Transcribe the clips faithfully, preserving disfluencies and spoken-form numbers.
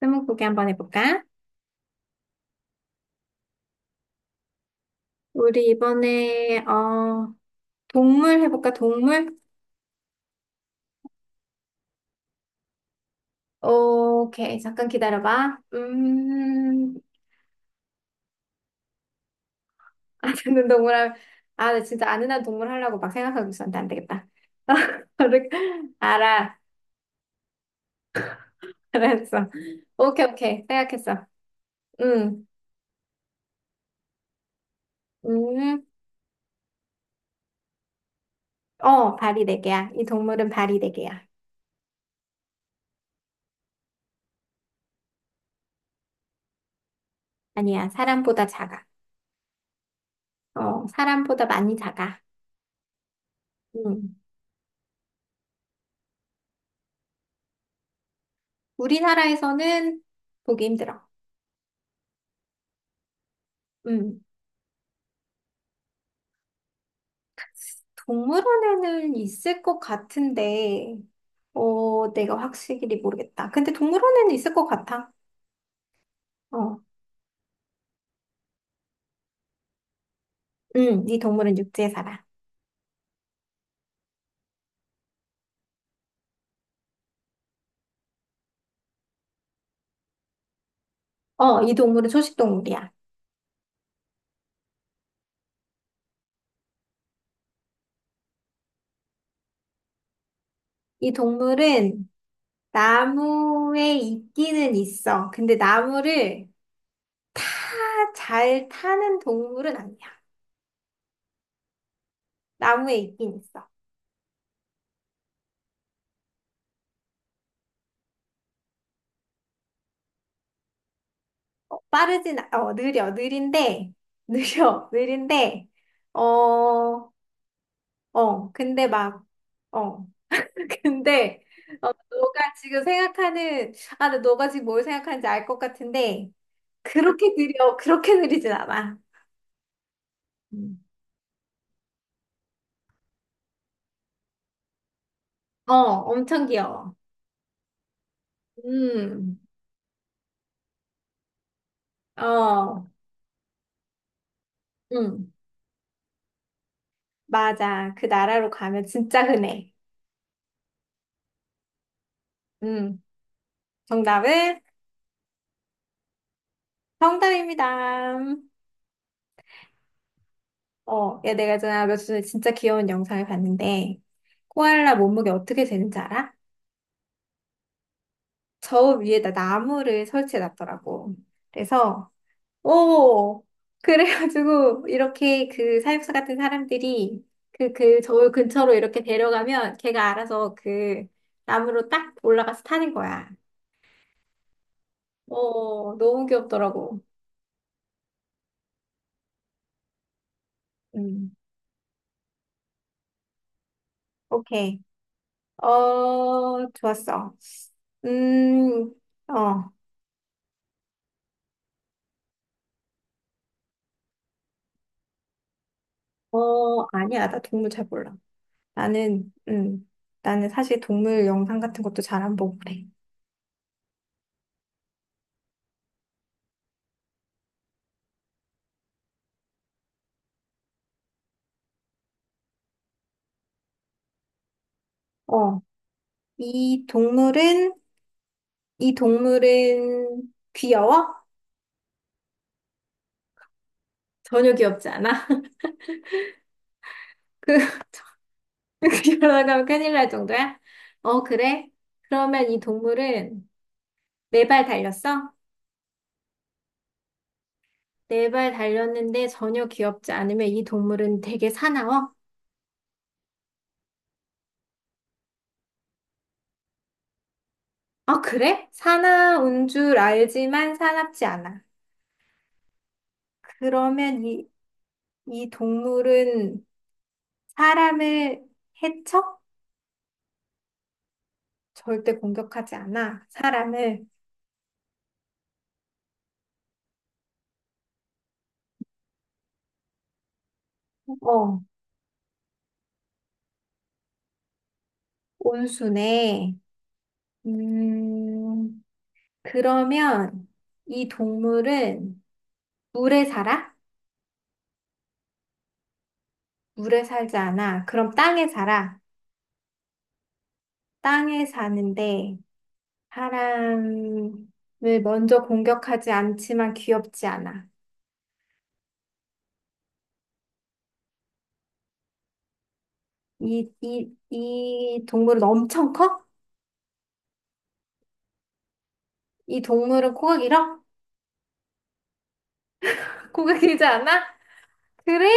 스무고개 한번 해볼까? 우리 이번에 어 동물 해볼까? 동물? 오케이 잠깐 기다려봐. 음 아는 동물 할- 아, 나 진짜 아는 한 동물 하려고 막 생각하고 있었는데 안 되겠다. 알아 알았어. 오케이 오케이 생각했어. 음 음 어 발이 네 개야. 이 동물은 발이 네 개야. 아니야 사람보다 작아. 어 사람보다 많이 작아. 음 우리나라에서는 보기 힘들어. 응. 동물원에는 있을 것 같은데, 어, 내가 확실히 모르겠다. 근데 동물원에는 있을 것 같아. 어, 응, 이 동물은 육지에 살아. 어, 이 동물은 초식동물이야. 이 동물은 나무에 있기는 있어. 근데 나무를 타, 잘 타는 동물은 아니야. 나무에 있긴 있어. 어, 빠르진, 않- 어, 느려, 느린데, 느려, 느린데, 어, 어, 근데 막, 어. 근데 어, 너가 지금 생각하는 아, 근데 너가 지금 뭘 생각하는지 알 것 같은데 그렇게 느려 그렇게 느리진 않아. 음. 어, 엄청 귀여워. 음, 어, 음, 맞아. 그 나라로 가면 진짜 흔해. 음, 정답은 정답입니다. 어, 야, 내가 전에 며칠 전에 진짜 귀여운 영상을 봤는데 코알라 몸무게 어떻게 되는지 알아? 저 위에다 나무를 설치해 놨더라고. 그래서 오, 그래가지고, 이렇게 그 사육사 같은 사람들이 그, 그 저울 근처로 이렇게 데려가면 걔가 알아서 그 나무로 딱 올라가서 타는 거야. 오, 너무 귀엽더라고. 음, 오케이. 어, 좋았어. 음, 어, 어, 아니야. 나 동물 잘 몰라. 나는, 음, 나는 사실 동물 영상 같은 것도 잘 안 보고 그래. 어, 이 동물은, 이 동물은 귀여워? 전혀 귀엽지 않아? 그, 그러다가 큰일 날 정도야? 어, 그래? 그러면 이 동물은 네 발 달렸어? 네 발 달렸는데 전혀 귀엽지 않으면 이 동물은 되게 사나워? 아, 그래? 사나운 줄 알지만 사납지 않아. 그러면 이, 이 동물은 사람을 해쳐? 절대 공격하지 않아. 사람을. 어, 온순해. 음, 그러면 이 동물은 물에 살아? 물에 살지 않아. 그럼 땅에 살아. 땅에 사는데 사람을 먼저 공격하지 않지만 귀엽지 않아. 이, 이, 이 동물은 엄청 커? 이 동물은 코가 길어? 코가 길지 않아? 그래?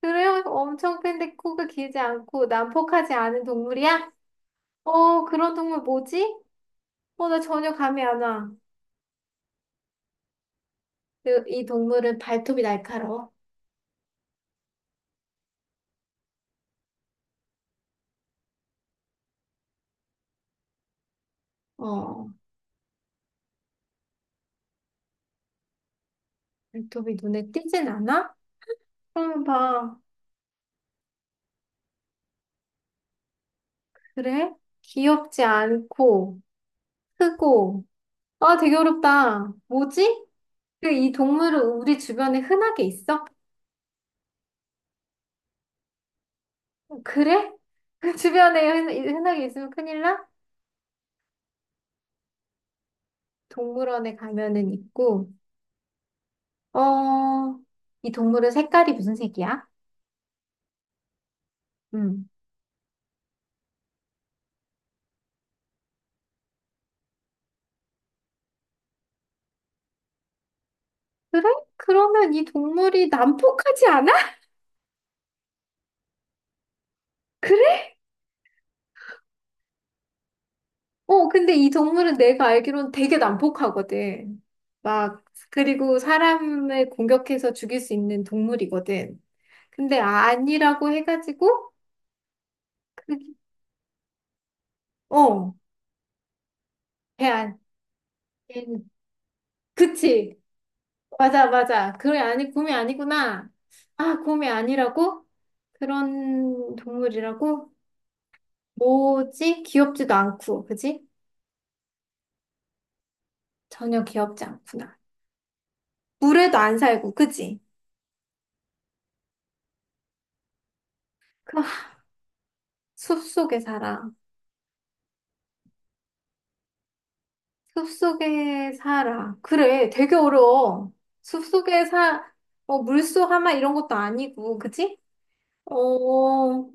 그래요? 엄청 큰데 코가 길지 않고 난폭하지 않은 동물이야? 어, 그런 동물 뭐지? 어, 나 전혀 감이 안 와. 그, 이 동물은 발톱이 날카로워. 어, 발톱이 눈에 띄진 않아? 그럼 봐. 그래? 귀엽지 않고, 크고. 아, 되게 어렵다. 뭐지? 그 이 동물은 우리 주변에 흔하게 있어? 그래? 주변에 흔- 흔하게 있으면 큰일 나? 동물원에 가면은 있고, 어, 이 동물은 색깔이 무슨 색이야? 음. 그래? 그러면 이 동물이 난폭하지 않아? 어, 근데 이 동물은 내가 알기로는 되게 난폭하거든. 막, 그리고 사람을 공격해서 죽일 수 있는 동물이거든. 근데 아- 아니라고 해가지고, 그, 어, 걔, 안- 걔는- 그치. 맞아, 맞아. 그래, 아니, 곰이 아니구나. 아, 곰이 아니라고? 그런 동물이라고? 뭐지? 귀엽지도 않고, 그지? 전혀 귀엽지 않구나. 물에도 안 살고, 그지? 그 숲속에 살아. 숲속에 살아. 그래, 되게 어려워. 숲속에 사, 어, 물소 하마 이런 것도 아니고, 그치? 어,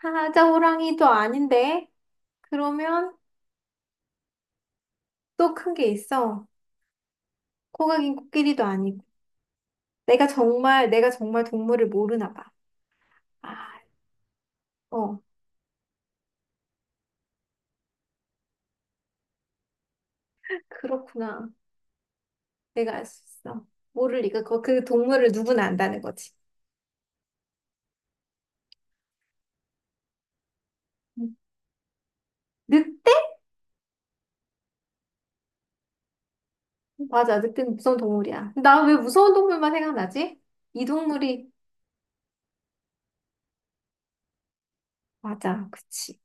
사자 호랑이도 아닌데? 그러면 또 큰 게 있어. 코가 긴 코끼리도 아니고. 내가 정말, 내가 정말 동물을 모르나 봐. 아, 어, 그렇구나. 내가 알 수 있어. 모를 리가, 그, 그 동물을 누구나 안다는 거지. 음. 늑대? 맞아, 늑대는 무서운 동물이야. 나 왜 무서운 동물만 생각나지? 이 동물이 맞아, 그치.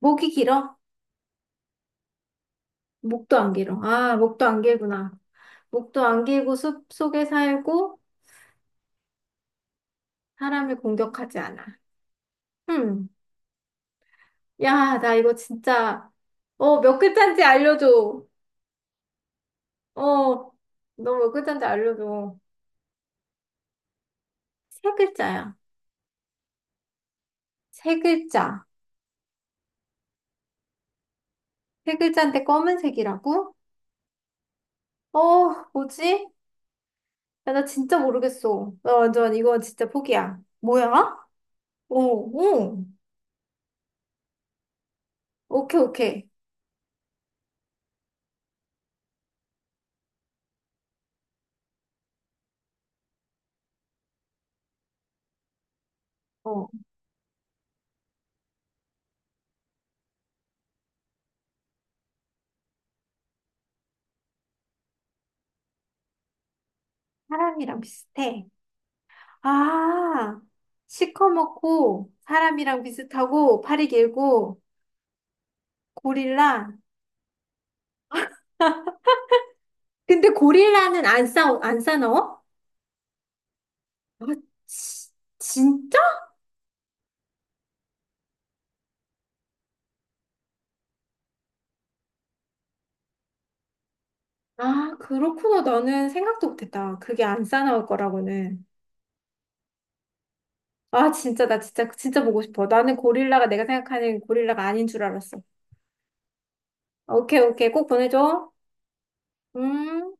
목이 길어? 목도 안 길어. 아, 목도 안 길구나. 목도 안 길고 숲 속에 살고 사람을 공격하지 않아. 음. 야, 나 이거 진짜, 어, 몇 글자인지 알려줘. 어, 너 몇 글자인지 알려줘. 세 글자야. 세 글자. 세 글자인데 검은색이라고? 어, 뭐지? 야, 나 진짜 모르겠어. 나 완전 이거 진짜 포기야. 뭐야? 어, 어. 오케이, 오케이. 어, 사람이랑 비슷해. 아, 시커멓고 사람이랑 비슷하고 팔이 길고 고릴라. 근데 고릴라는 안 싸, 안 싸나워? 아, 치- 진짜? 아, 그렇구나. 나는 생각도 못했다. 그게 안 싸나울 거라고는. 아, 진짜, 나 진짜, 진짜 보고 싶어. 나는 고릴라가 내가 생각하는 고릴라가 아닌 줄 알았어. 오케이, 오케이. 꼭 보내줘. 음.